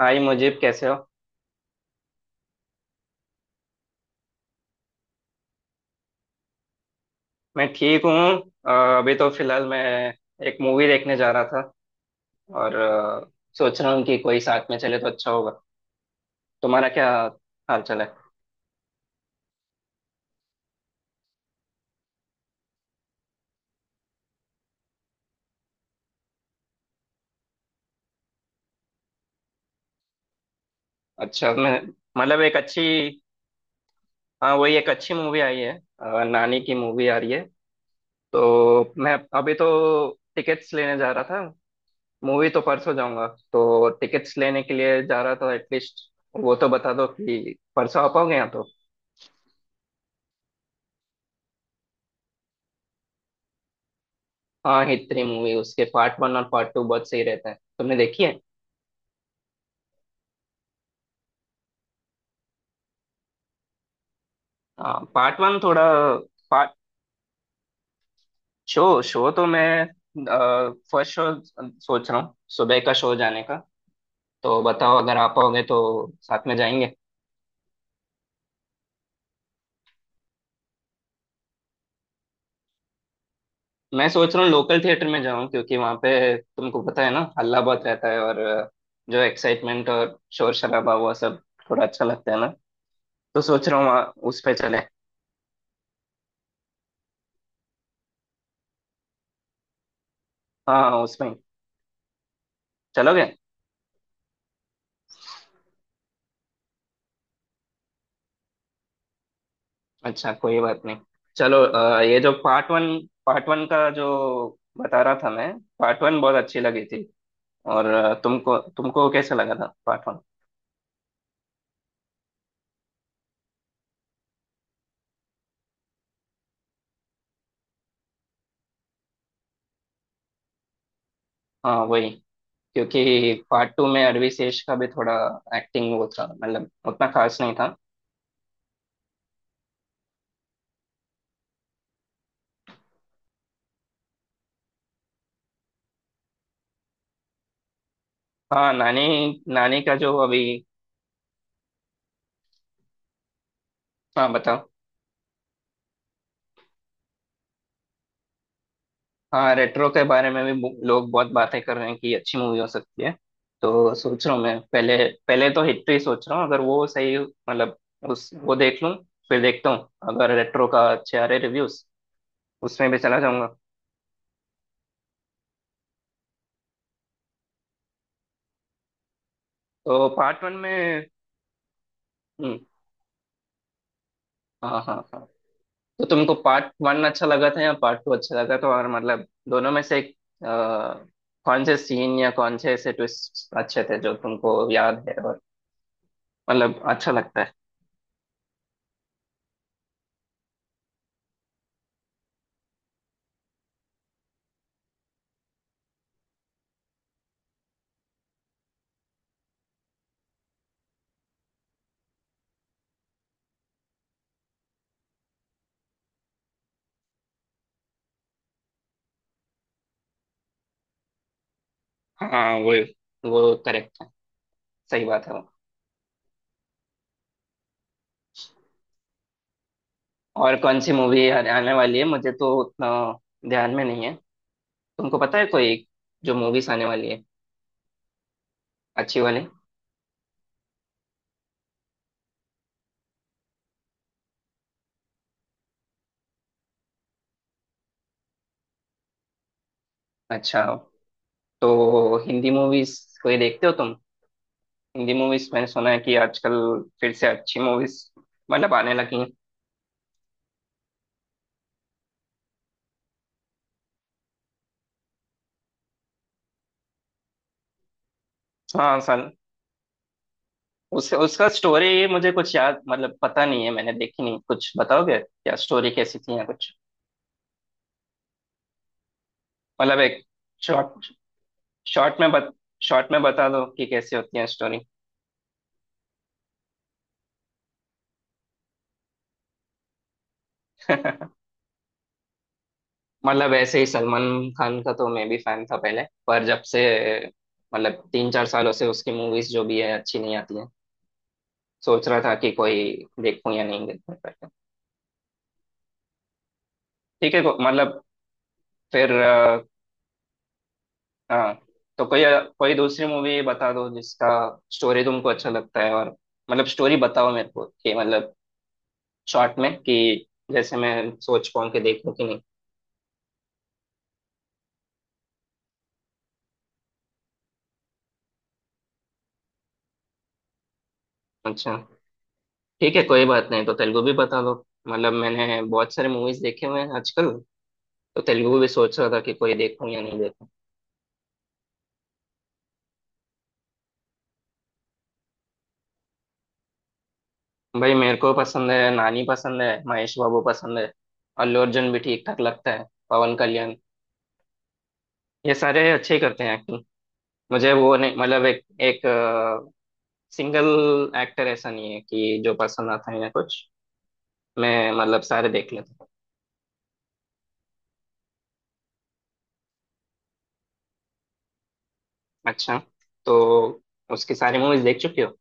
हाय मुजीब कैसे हो? मैं ठीक हूँ। अ, अभी तो फिलहाल मैं एक मूवी देखने जा रहा था, और सोच रहा हूँ कि कोई साथ में चले तो अच्छा होगा। तुम्हारा क्या हाल चाल है? अच्छा, मैं मतलब एक अच्छी, हाँ वही एक अच्छी मूवी आई है। नानी की मूवी आ रही है, तो मैं अभी तो टिकट्स लेने जा रहा था। मूवी तो परसों जाऊंगा, तो टिकट्स लेने के लिए जा रहा था एटलीस्ट। वो तो बता दो कि परसों आ पाओगे यहाँ तो। हाँ, हिटरी मूवी, उसके पार्ट वन और पार्ट टू बहुत सही रहते हैं, तुमने देखी है? हाँ पार्ट वन थोड़ा। पार्ट, शो शो तो मैं फर्स्ट शो सोच रहा हूँ, सुबह का शो जाने का। तो बताओ अगर आप आओगे तो साथ में जाएंगे। मैं सोच रहा हूँ लोकल थिएटर में जाऊँ, क्योंकि वहाँ पे तुमको पता है ना, हल्ला बहुत रहता है, और जो एक्साइटमेंट और शोर शराबा हुआ सब थोड़ा अच्छा लगता है ना। तो सोच रहा हूँ वहाँ उस पे चले। हाँ उसमें चलोगे? अच्छा कोई बात नहीं। चलो ये जो पार्ट वन, पार्ट वन का जो बता रहा था मैं, पार्ट वन बहुत अच्छी लगी थी। और तुमको तुमको कैसा लगा था पार्ट वन? हाँ वही, क्योंकि पार्ट टू में अरवी शेष का भी थोड़ा एक्टिंग वो था, मतलब उतना खास नहीं था। हाँ नानी, नानी का जो अभी। हाँ बताओ। हाँ, रेट्रो के बारे में भी लोग बहुत बातें कर रहे हैं कि अच्छी मूवी हो सकती है। तो सोच रहा हूँ मैं पहले, पहले तो हिट ही सोच रहा हूँ, अगर वो सही मतलब उस वो देख लूँ, फिर देखता हूँ। अगर रेट्रो का अच्छे आ रहे रिव्यूज उसमें भी चला जाऊंगा। तो पार्ट वन में, हम्म, हाँ हाँ हाँ, तो तुमको पार्ट वन अच्छा लगा था या पार्ट टू अच्छा लगा था? और मतलब दोनों में से एक, अ, कौन से सीन या कौन से ऐसे ट्विस्ट अच्छे थे जो तुमको याद है और मतलब अच्छा लगता है? हाँ वो करेक्ट, सही बात है। और कौन सी मूवी आने वाली है, मुझे तो उतना ध्यान में नहीं है। तुमको पता है कोई जो मूवीज आने वाली है, अच्छी वाली? अच्छा तो हिंदी मूवीज कोई देखते हो तुम? हिंदी मूवीज मैंने सुना है कि आजकल फिर से अच्छी मूवीज मतलब आने लगी हैं। हाँ सन, उस उसका स्टोरी मुझे कुछ याद, मतलब पता नहीं है, मैंने देखी नहीं, कुछ बताओगे क्या स्टोरी कैसी थी या कुछ मतलब एक, शॉर्ट, शॉर्ट में बत शॉर्ट में बता दो कि कैसी होती है स्टोरी। मतलब ऐसे ही सलमान खान का तो मैं भी फैन था पहले, पर जब से, मतलब 3 4 सालों से उसकी मूवीज जो भी है अच्छी नहीं आती है, सोच रहा था कि कोई देखूं या नहीं देखूं करके। ठीक है, मतलब, फिर हाँ तो कोई, कोई दूसरी मूवी बता दो जिसका स्टोरी तुमको अच्छा लगता है, और मतलब स्टोरी बताओ मेरे को कि मतलब शॉर्ट में, कि जैसे मैं सोच पाऊँ कि देखूं कि नहीं। अच्छा ठीक है, कोई बात नहीं, तो तेलुगु भी बता दो। मतलब मैंने बहुत सारे मूवीज देखे हुए हैं आजकल, तो तेलुगु भी सोच रहा था कि कोई देखूं या नहीं देखूं। भाई मेरे को पसंद है नानी, पसंद है महेश बाबू, पसंद है अल्लू अर्जुन भी, ठीक ठाक लगता है पवन कल्याण, ये सारे अच्छे ही करते हैं एक्टिंग। मुझे वो नहीं मतलब एक एक सिंगल एक्टर ऐसा नहीं है कि जो पसंद आता है या कुछ, मैं मतलब सारे देख लेता हूँ। अच्छा, तो उसकी सारी मूवीज देख चुके हो?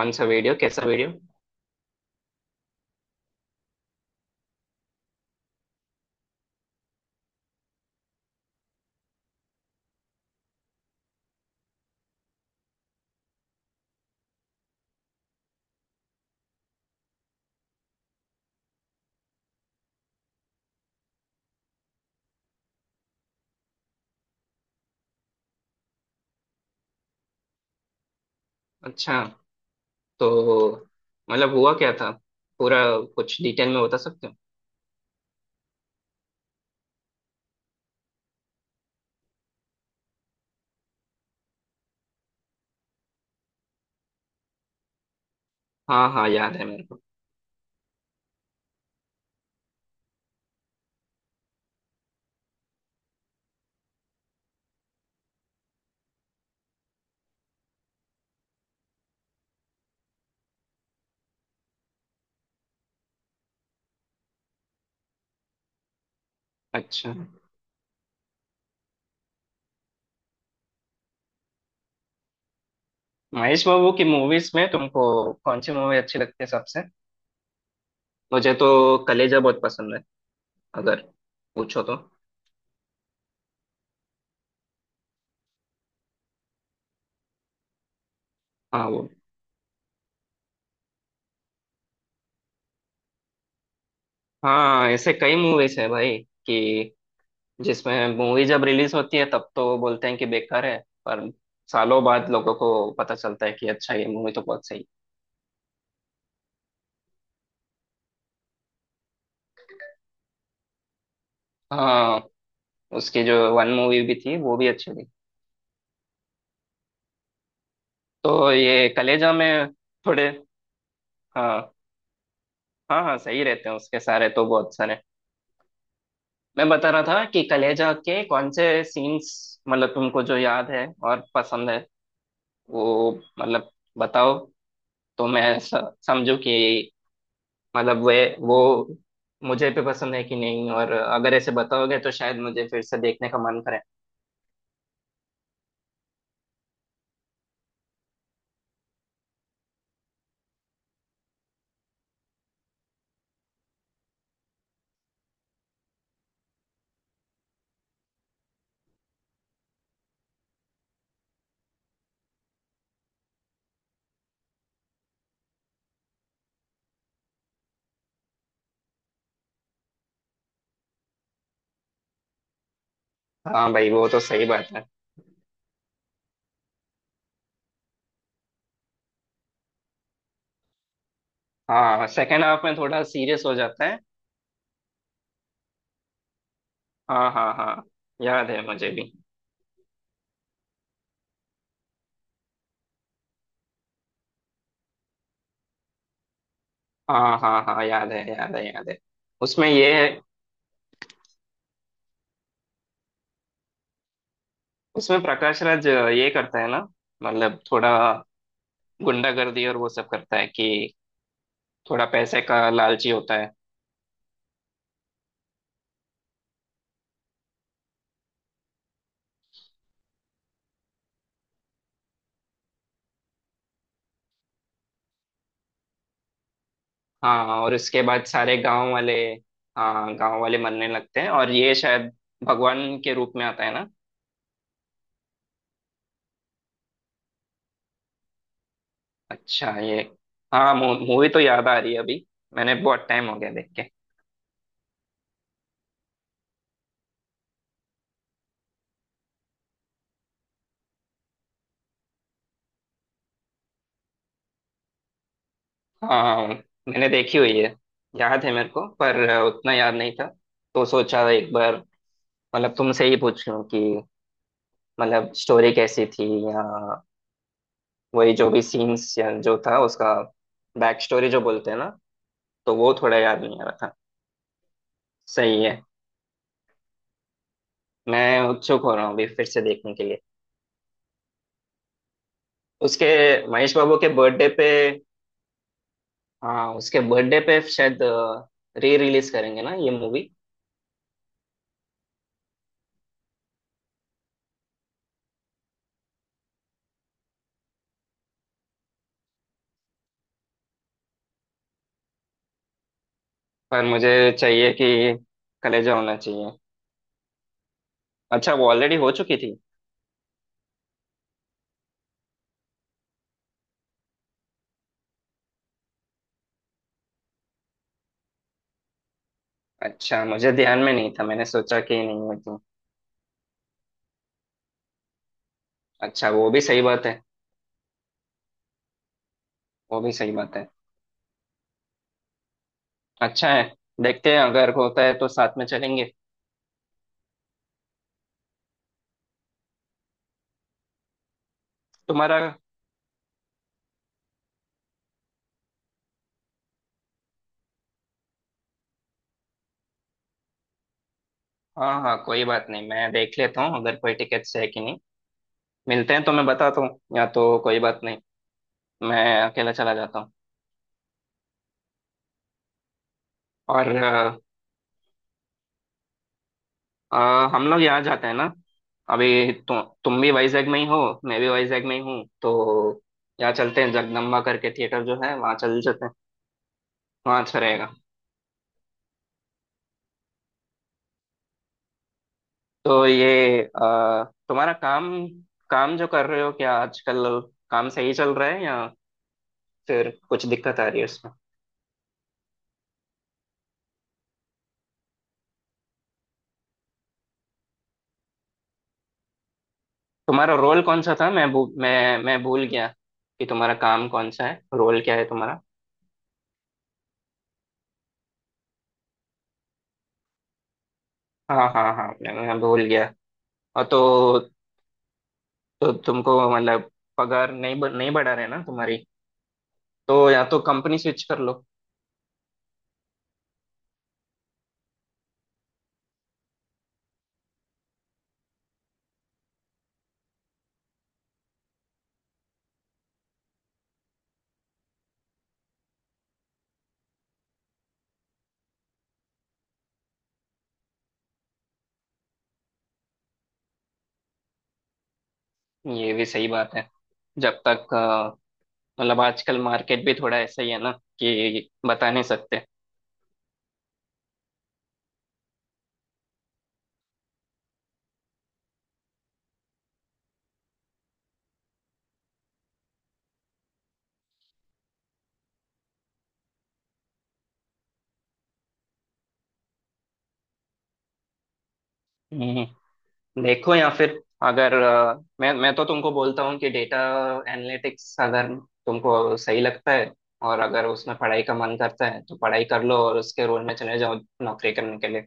कौन सा वीडियो, कैसा वीडियो? अच्छा, तो मतलब हुआ क्या था पूरा, कुछ डिटेल में बता सकते हो? हाँ हाँ, याद है मेरे को। अच्छा महेश बाबू की मूवीज में तुमको कौन सी मूवी अच्छी लगती है सबसे? मुझे तो कलेजा बहुत पसंद है, अगर पूछो तो। हाँ वो। हाँ ऐसे कई मूवीज है भाई कि जिसमें मूवी जब रिलीज होती है तब तो बोलते हैं कि बेकार है, पर सालों बाद लोगों को पता चलता है कि अच्छा ये मूवी तो बहुत सही। हाँ उसकी जो वन मूवी भी थी वो भी अच्छी थी। तो ये कलेजा में थोड़े, हाँ हाँ हाँ सही रहते हैं उसके सारे तो बहुत सारे। मैं बता रहा था कि कलेजा के कौन से सीन्स मतलब तुमको जो याद है और पसंद है वो मतलब बताओ, तो मैं समझूं कि मतलब वे वो मुझे पे पसंद है कि नहीं, और अगर ऐसे बताओगे तो शायद मुझे फिर से देखने का मन करे। हाँ भाई वो तो सही बात है। हाँ सेकेंड हाफ में थोड़ा सीरियस हो जाता है। हाँ हाँ हाँ, याद है मुझे भी। हाँ हाँ हाँ, याद है, याद है, याद है। उसमें ये है, उसमें प्रकाश राज ये करता है ना, मतलब थोड़ा गुंडागर्दी और वो सब करता है कि थोड़ा पैसे का लालची होता है। हाँ, और इसके बाद सारे गांव वाले, हाँ गांव वाले मरने लगते हैं और ये शायद भगवान के रूप में आता है ना। अच्छा ये, हाँ मूवी तो याद आ रही है अभी। मैंने बहुत टाइम हो गया देख के। हाँ मैंने देखी हुई है, याद है मेरे को, पर उतना याद नहीं था, तो सोचा एक बार मतलब तुमसे ही पूछ लूं कि मतलब स्टोरी कैसी थी, या वही जो भी सीन्स या जो था उसका बैक स्टोरी जो बोलते हैं ना, तो वो थोड़ा याद नहीं आ रहा था। सही है, मैं उत्सुक हो रहा हूँ अभी फिर से देखने के लिए उसके। महेश बाबू के बर्थडे पे हाँ, उसके बर्थडे पे शायद री रिलीज करेंगे ना ये मूवी। पर मुझे चाहिए कि कलेजा होना चाहिए। अच्छा, वो ऑलरेडी हो चुकी थी। अच्छा मुझे ध्यान में नहीं था, मैंने सोचा कि नहीं होती। अच्छा वो भी सही बात है। वो भी सही बात है, अच्छा है। देखते हैं अगर होता है तो साथ में चलेंगे। तुम्हारा, हाँ हाँ कोई बात नहीं, मैं देख लेता हूँ अगर कोई टिकट्स है कि नहीं मिलते हैं, तो मैं बताता हूँ, या तो कोई बात नहीं, मैं अकेला चला जाता हूँ। और अ, हम लोग यहाँ जाते हैं ना, अभी तुम भी वाइजैग में ही हो, मैं भी वाइजैग में ही हूँ, तो यहाँ चलते हैं जगदम्बा करके थिएटर जो है वहाँ, चल चलते हैं, वहाँ अच्छा रहेगा। तो ये तुम्हारा काम, काम जो कर रहे हो क्या आजकल? काम सही चल रहा है या फिर कुछ दिक्कत आ रही है उसमें? तुम्हारा रोल कौन सा था, मैं भूल गया कि तुम्हारा काम कौन सा है, रोल क्या है तुम्हारा? हाँ हाँ हाँ, मैं भूल गया। और तो तुमको मतलब पगार नहीं नहीं बढ़ा रहे ना तुम्हारी, तो या तो कंपनी स्विच कर लो। ये भी सही बात है। जब तक मतलब आजकल मार्केट भी थोड़ा ऐसा ही है ना, कि बता नहीं सकते। हम्म, देखो या फिर, अगर मैं तो तुमको बोलता हूँ कि डेटा एनालिटिक्स, अगर तुमको सही लगता है और अगर उसमें पढ़ाई का मन करता है, तो पढ़ाई कर लो और उसके रोल में चले जाओ, नौकरी करने के लिए।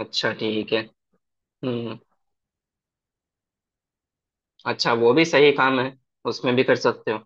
अच्छा ठीक है। हम्म। अच्छा वो भी सही काम है, उसमें भी कर सकते हो।